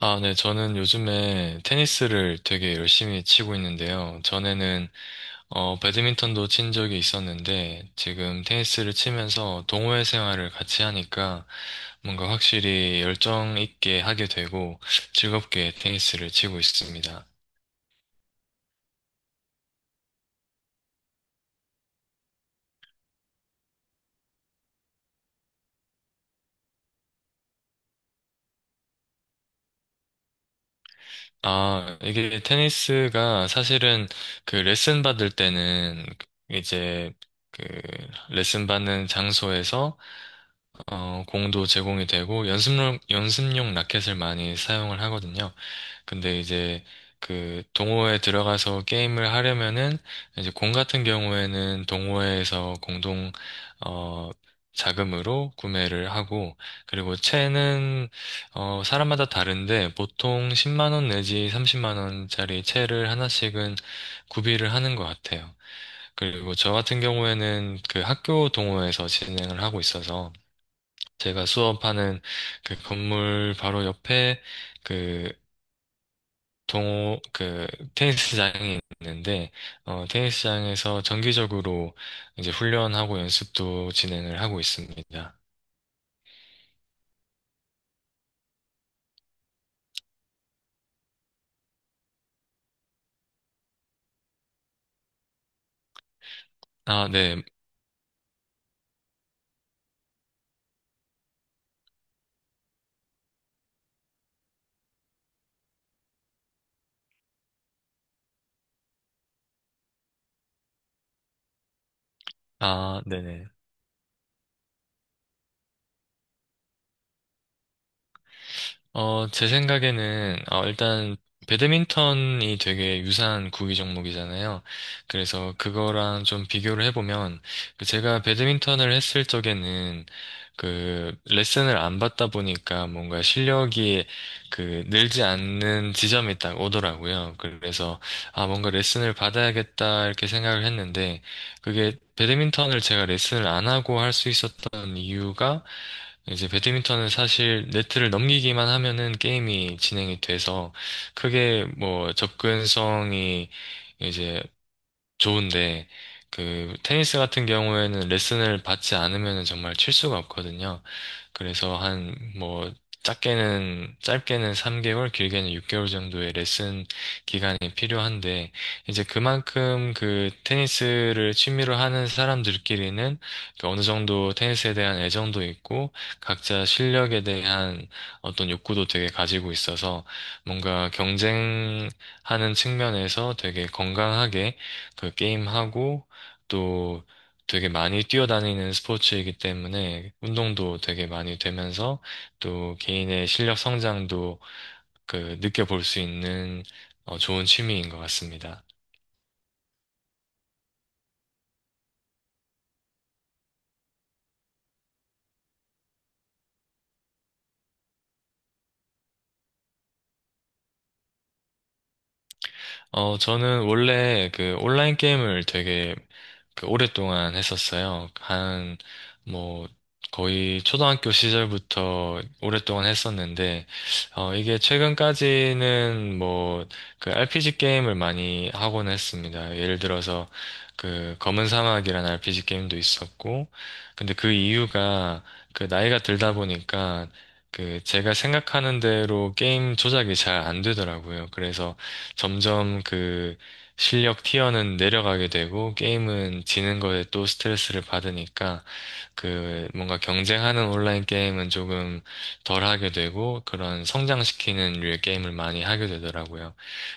아, 네. 저는 요즘에 테니스를 되게 열심히 치고 있는데요. 전에는, 배드민턴도 친 적이 있었는데, 지금 테니스를 치면서 동호회 생활을 같이 하니까 뭔가 확실히 열정 있게 하게 되고 즐겁게 테니스를 치고 있습니다. 아, 이게 테니스가 사실은 그 레슨 받을 때는 이제 그 레슨 받는 장소에서 공도 제공이 되고 연습용 라켓을 많이 사용을 하거든요. 근데 이제 그 동호회에 들어가서 게임을 하려면은 이제 공 같은 경우에는 동호회에서 공동 어 자금으로 구매를 하고 그리고 채는 사람마다 다른데 보통 10만 원 내지 30만 원짜리 채를 하나씩은 구비를 하는 것 같아요. 그리고 저 같은 경우에는 그 학교 동호회에서 진행을 하고 있어서 제가 수업하는 그 건물 바로 옆에 그 동호 그 테니스장이 있는데 테니스장에서 정기적으로 이제 훈련하고 연습도 진행을 하고 있습니다. 아, 네. 아, 네네. 제 생각에는, 일단, 배드민턴이 되게 유사한 구기 종목이잖아요. 그래서 그거랑 좀 비교를 해보면, 그 제가 배드민턴을 했을 적에는, 그, 레슨을 안 받다 보니까 뭔가 실력이 그, 늘지 않는 지점이 딱 오더라고요. 그래서, 아, 뭔가 레슨을 받아야겠다, 이렇게 생각을 했는데, 그게 배드민턴을 제가 레슨을 안 하고 할 수 있었던 이유가, 이제 배드민턴은 사실 네트를 넘기기만 하면은 게임이 진행이 돼서 크게 뭐 접근성이 이제 좋은데 그 테니스 같은 경우에는 레슨을 받지 않으면은 정말 칠 수가 없거든요. 그래서 한 뭐 작게는 짧게는 3개월, 길게는 6개월 정도의 레슨 기간이 필요한데 이제 그만큼 그 테니스를 취미로 하는 사람들끼리는 그 어느 정도 테니스에 대한 애정도 있고 각자 실력에 대한 어떤 욕구도 되게 가지고 있어서 뭔가 경쟁하는 측면에서 되게 건강하게 그 게임하고 또 되게 많이 뛰어다니는 스포츠이기 때문에 운동도 되게 많이 되면서 또 개인의 실력 성장도 그 느껴볼 수 있는 좋은 취미인 것 같습니다. 저는 원래 그 온라인 게임을 되게 그 오랫동안 했었어요. 한, 뭐, 거의 초등학교 시절부터 오랫동안 했었는데, 이게 최근까지는 뭐, 그 RPG 게임을 많이 하곤 했습니다. 예를 들어서, 그 검은 사막이라는 RPG 게임도 있었고, 근데 그 이유가 그 나이가 들다 보니까, 그 제가 생각하는 대로 게임 조작이 잘 안 되더라고요. 그래서 점점 그 실력 티어는 내려가게 되고 게임은 지는 거에 또 스트레스를 받으니까 그 뭔가 경쟁하는 온라인 게임은 조금 덜 하게 되고 그런 성장시키는 류의 게임을 많이 하게 되더라고요.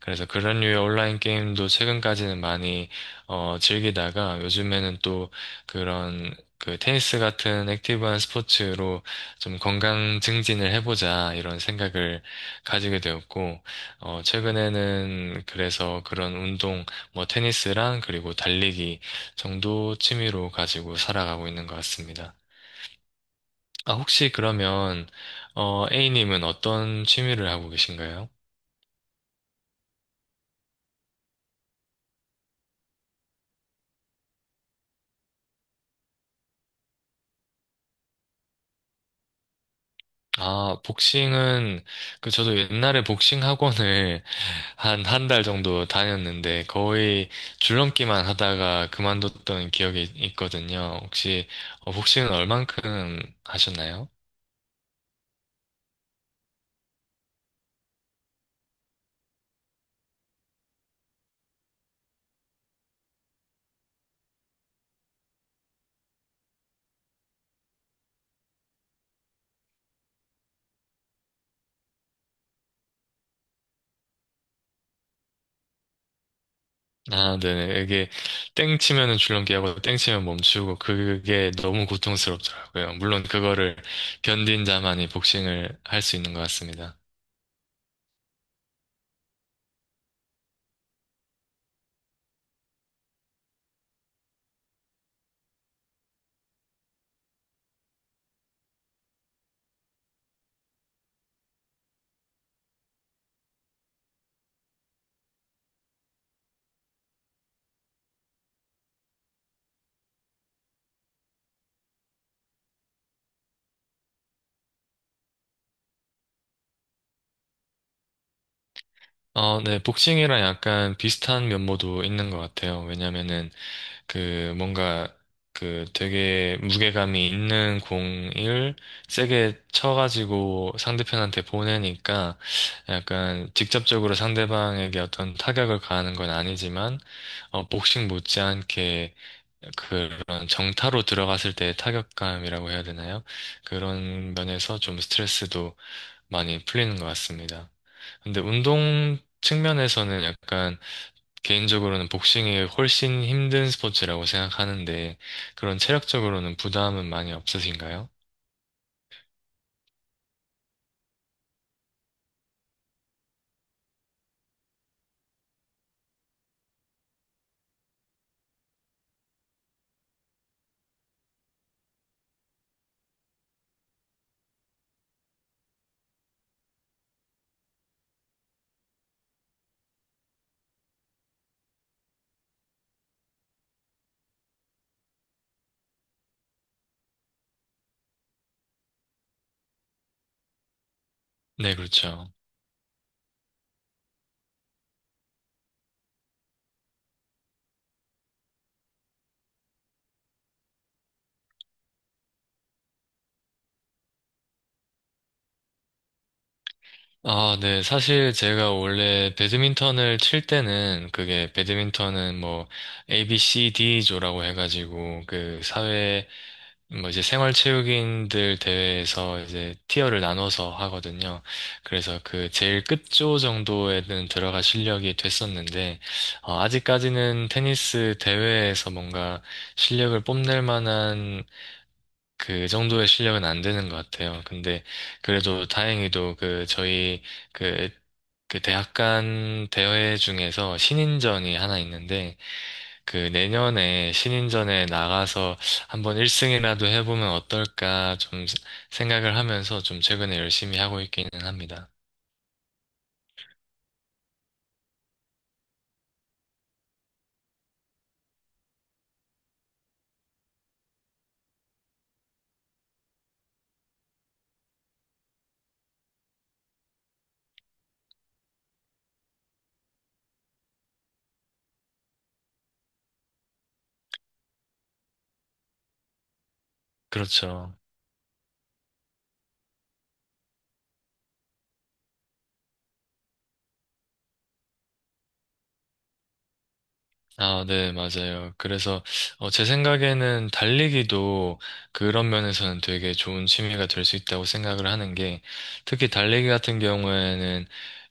그래서 그런 류의 온라인 게임도 최근까지는 많이 즐기다가 요즘에는 또 그런 그 테니스 같은 액티브한 스포츠로 좀 건강 증진을 해보자 이런 생각을 가지게 되었고 최근에는 그래서 그런 운동 뭐 테니스랑 그리고 달리기 정도 취미로 가지고 살아가고 있는 것 같습니다. 아, 혹시 그러면, A님은 어떤 취미를 하고 계신가요? 아, 복싱은, 그, 저도 옛날에 복싱 학원을 한, 한 달 정도 다녔는데, 거의 줄넘기만 하다가 그만뒀던 기억이 있거든요. 혹시, 복싱은 얼만큼 하셨나요? 아, 네네. 이게 땡 치면은 줄넘기하고 땡 치면 멈추고 그게 너무 고통스럽더라고요. 물론 그거를 견딘 자만이 복싱을 할 수 있는 것 같습니다. 어, 네. 복싱이랑 약간 비슷한 면모도 있는 것 같아요. 왜냐면은 그 뭔가 그 되게 무게감이 있는 공을 세게 쳐가지고 상대편한테 보내니까 약간 직접적으로 상대방에게 어떤 타격을 가하는 건 아니지만 복싱 못지않게 그런 정타로 들어갔을 때의 타격감이라고 해야 되나요? 그런 면에서 좀 스트레스도 많이 풀리는 것 같습니다. 근데 운동 측면에서는 약간 개인적으로는 복싱이 훨씬 힘든 스포츠라고 생각하는데 그런 체력적으로는 부담은 많이 없으신가요? 네, 그렇죠. 아, 네. 사실 제가 원래 배드민턴을 칠 때는 그게 배드민턴은 뭐 A, B, C, D조라고 해가지고 그 사회 뭐 이제 생활체육인들 대회에서 이제 티어를 나눠서 하거든요. 그래서 그 제일 끝조 정도에는 들어갈 실력이 됐었는데, 아직까지는 테니스 대회에서 뭔가 실력을 뽐낼 만한 그 정도의 실력은 안 되는 것 같아요. 근데 그래도 다행히도 그 저희 그, 그, 대학 간 대회 중에서 신인전이 하나 있는데 그 내년에 신인전에 나가서 한번 1승이라도 해보면 어떨까 좀 생각을 하면서 좀 최근에 열심히 하고 있기는 합니다. 그렇죠. 아, 네, 맞아요. 그래서, 제 생각에는 달리기도 그런 면에서는 되게 좋은 취미가 될 수 있다고 생각을 하는 게, 특히 달리기 같은 경우에는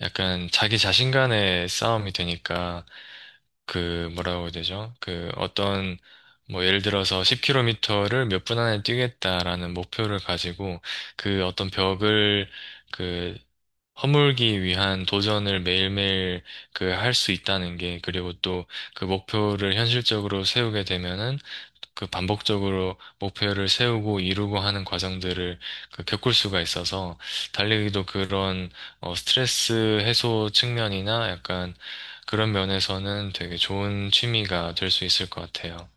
약간 자기 자신 간의 싸움이 되니까, 그, 뭐라고 해야 되죠? 그, 어떤, 뭐, 예를 들어서 10km를 몇 분 안에 뛰겠다라는 목표를 가지고, 그 어떤 벽을, 그, 허물기 위한 도전을 매일매일 그 할 수 있다는 게, 그리고 또 그 목표를 현실적으로 세우게 되면은 그 반복적으로 목표를 세우고 이루고 하는 과정들을 그 겪을 수가 있어서 달리기도 그런 스트레스 해소 측면이나 약간 그런 면에서는 되게 좋은 취미가 될 수 있을 것 같아요.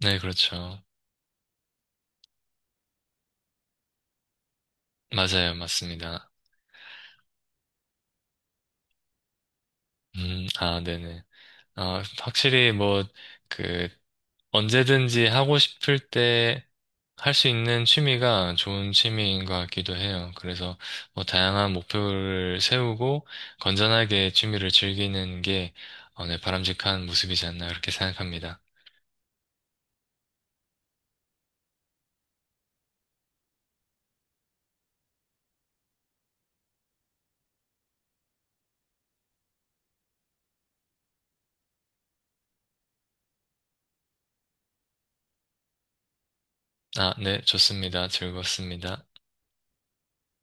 네, 그렇죠. 맞아요. 맞습니다. 아, 네네. 아, 확실히 뭐, 그, 언제든지 하고 싶을 때 할 수 있는 취미가 좋은 취미인 것 같기도 해요. 그래서 뭐 다양한 목표를 세우고 건전하게 취미를 즐기는 게 네, 바람직한 모습이지 않나 그렇게 생각합니다. 아, 네, 좋습니다. 즐겁습니다.